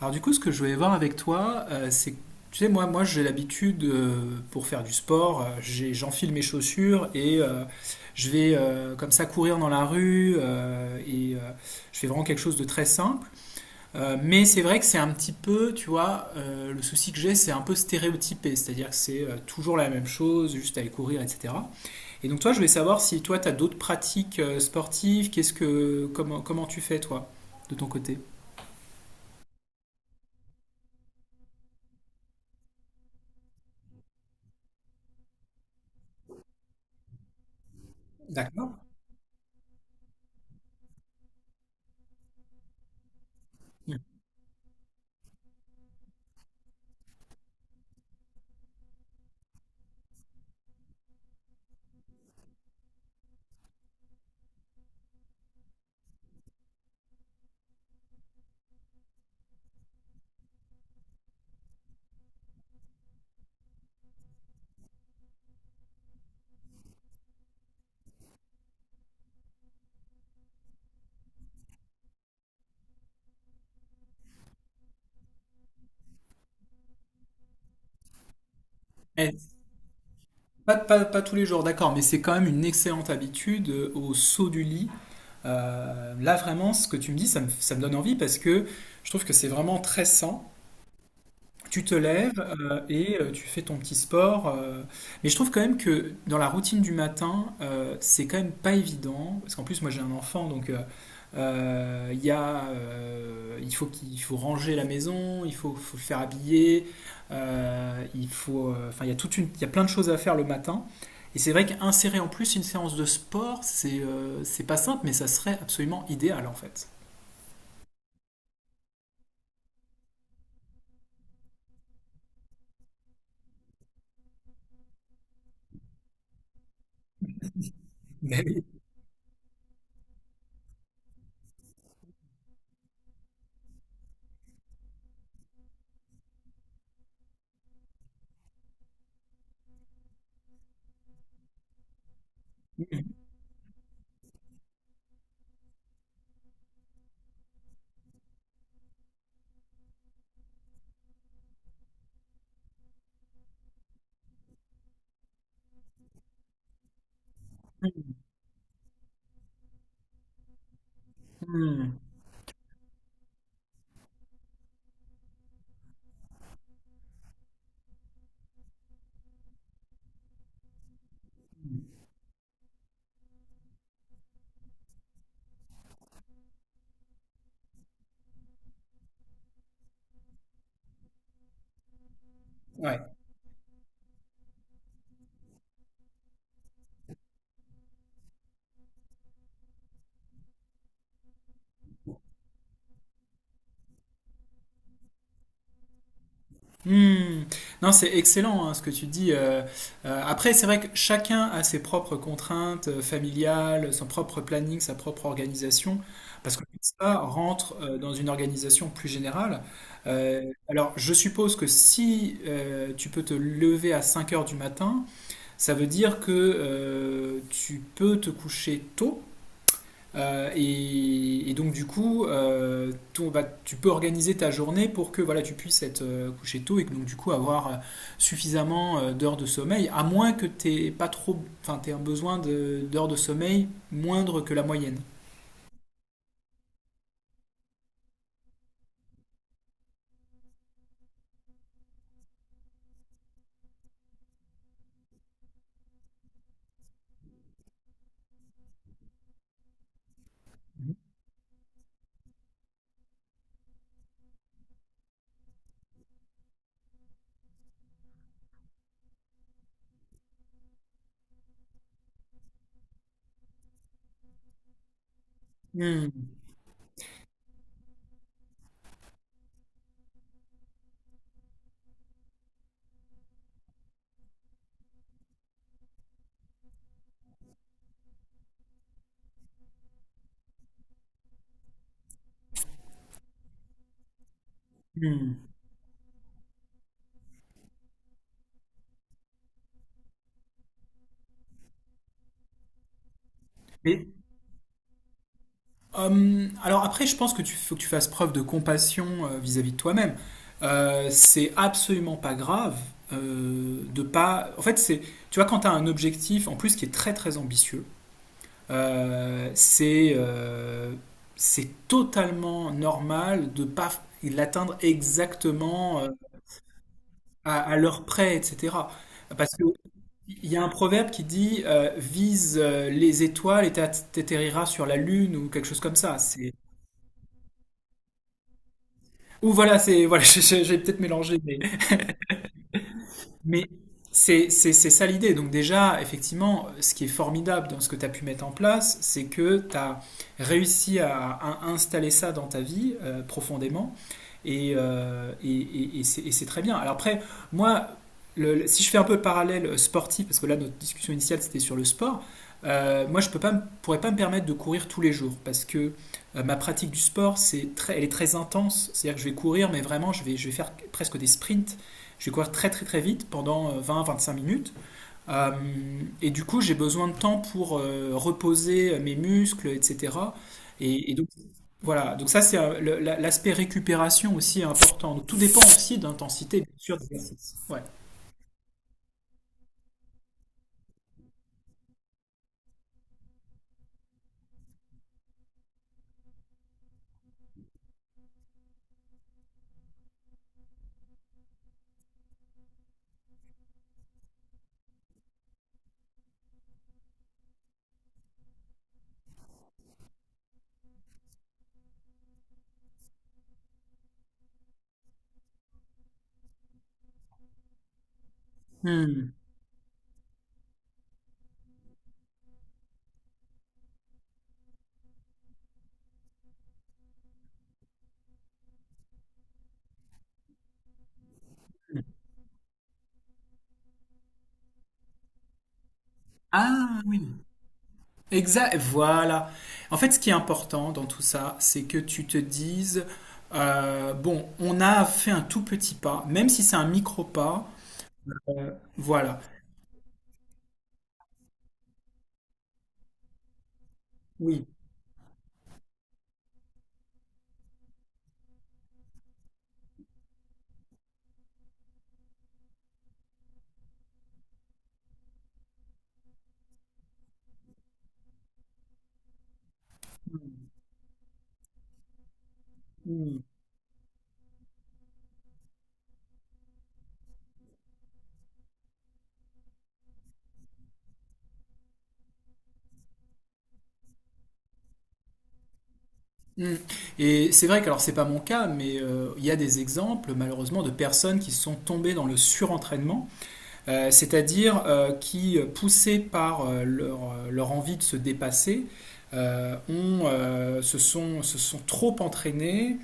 Alors du coup, ce que je voulais voir avec toi, c'est que, tu sais, moi j'ai l'habitude, pour faire du sport, j'enfile mes chaussures et je vais comme ça courir dans la rue et je fais vraiment quelque chose de très simple. Mais c'est vrai que c'est un petit peu, tu vois, le souci que j'ai, c'est un peu stéréotypé, c'est-à-dire que c'est toujours la même chose, juste aller courir, etc. Et donc toi, je voulais savoir si toi, tu as d'autres pratiques sportives, comment tu fais toi, de ton côté? D'accord. Pas tous les jours, d'accord, mais c'est quand même une excellente habitude au saut du lit. Là, vraiment, ce que tu me dis, ça me donne envie parce que je trouve que c'est vraiment très sain. Tu te lèves et tu fais ton petit sport. Mais je trouve quand même que dans la routine du matin, c'est quand même pas évident. Parce qu'en plus, moi j'ai un enfant, donc il faut qu'il il faut ranger la maison, faut le faire habiller, il faut, enfin il y a plein de choses à faire le matin. Et c'est vrai qu'insérer en plus une séance de sport, c'est pas simple, mais ça serait absolument idéal en fait. Mais oui. Hmm. Ouais. Hmm. Non, c'est excellent hein, ce que tu dis. Après, c'est vrai que chacun a ses propres contraintes familiales, son propre planning, sa propre organisation, parce que tout ça rentre dans une organisation plus générale. Alors, je suppose que si tu peux te lever à 5 heures du matin, ça veut dire que tu peux te coucher tôt donc du coup, bah, tu peux organiser ta journée pour que voilà, tu puisses être couché tôt et que, donc du coup avoir suffisamment d'heures de sommeil, à moins que t'aies pas trop, enfin t'aies un d'heures de sommeil moindre que la moyenne. Hmm, hmm. Mais, alors après, je pense que tu faut que tu fasses preuve de compassion vis-à-vis de toi-même. C'est absolument pas grave de pas. En fait, c'est tu vois quand t'as un objectif en plus qui est très très ambitieux. Euh, c'est euh, c'est totalement normal de pas l'atteindre exactement à l'heure près, etc. Parce que il y a un proverbe qui dit vise les étoiles et t'atterriras sur la lune ou quelque chose comme ça. C'est ou voilà, c'est voilà, j'ai peut-être mélangé, mais c'est ça l'idée. Donc déjà, effectivement, ce qui est formidable dans ce que tu as pu mettre en place, c'est que tu as réussi à installer ça dans ta vie profondément. Et c'est très bien. Alors après, moi, si je fais un peu le parallèle sportif, parce que là, notre discussion initiale, c'était sur le sport, moi, je peux pas, pourrais pas me permettre de courir tous les jours, parce que ma pratique du sport, c'est très, elle est très intense. C'est-à-dire que je vais courir, mais vraiment, je vais faire presque des sprints. Je vais courir très très très vite pendant vingt, à vingt-cinq minutes. Euh, et du coup, j'ai besoin de temps pour reposer mes muscles, etc. Et, et donc, voilà, donc ça c'est l'aspect récupération aussi est important. Donc, tout dépend aussi d'intensité, bien sûr, d'exercice. Ouais. Hmm. Ah oui, exact, voilà. En fait, ce qui est important dans tout ça, c'est que tu te dises, bon, on a fait un tout petit pas, même si c'est un micro pas, voilà. Oui. Mm, mm. Et c'est vrai que, alors, c'est pas mon cas, mais il y a des exemples, malheureusement, de personnes qui sont tombées dans le surentraînement c'est-à-dire qui, poussés par leur, envie de se dépasser, ont, se sont trop entraînés,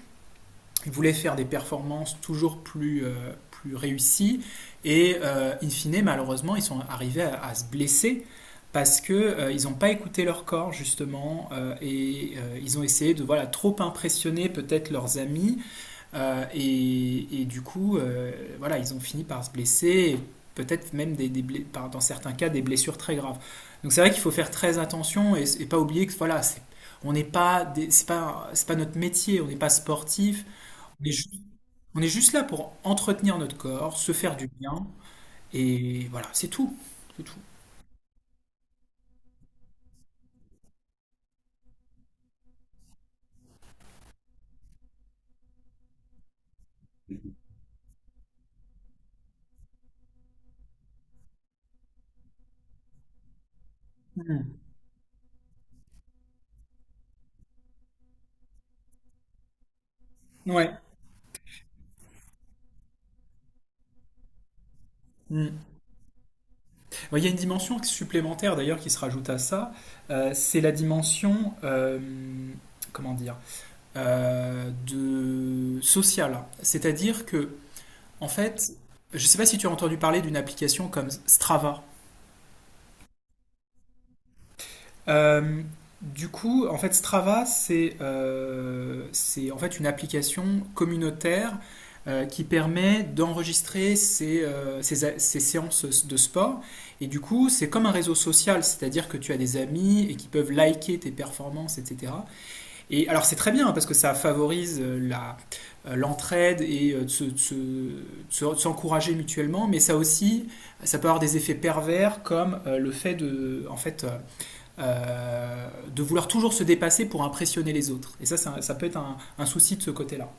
ils voulaient faire des performances toujours plus, plus réussies, et in fine, malheureusement, ils sont arrivés à se blesser parce que ils n'ont pas écouté leur corps justement et ils ont essayé de voilà trop impressionner peut-être leurs amis du coup, voilà, ils ont fini par se blesser, peut-être même dans certains cas des blessures très graves. Donc c'est vrai qu'il faut faire très attention et pas oublier que voilà, on n'est pas, c'est pas notre métier, on n'est pas sportif, on est, ju- on est juste là pour entretenir notre corps, se faire du bien, et voilà, c'est tout, c'est tout. Mm. Ouais. Mm. Bon, il y a une dimension supplémentaire d'ailleurs qui se rajoute à ça, c'est la dimension, comment dire? De social. C'est-à-dire que, en fait, je ne sais pas si tu as entendu parler d'une application comme Strava. Euh, du coup, en fait, Strava, c'est en fait une application communautaire qui permet d'enregistrer ses, ses séances de sport. Et du coup, c'est comme un réseau social, c'est-à-dire que tu as des amis et qui peuvent liker tes performances, etc. Et alors c'est très bien hein, parce que ça favorise l'entraide et de s'encourager mutuellement, mais ça aussi, ça peut avoir des effets pervers comme le fait de, en fait, euh, de vouloir toujours se dépasser pour impressionner les autres. Ça peut être un souci de ce côté-là.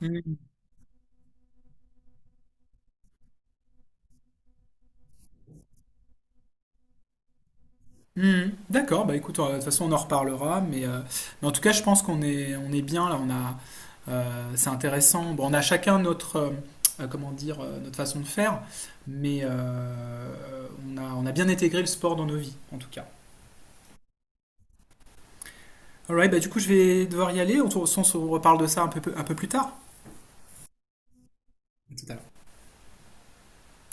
Mm. Hmm, d'accord, bah écoute, de toute façon on en reparlera, mais en tout cas je pense qu'on est, on est bien là, on a, c'est intéressant. Bon, on a chacun notre, comment dire, notre façon de faire, mais on a bien intégré le sport dans nos vies, en tout cas. Alright, bah du coup je vais devoir y aller, on se reparle de ça un peu plus tard. À tout à l'heure.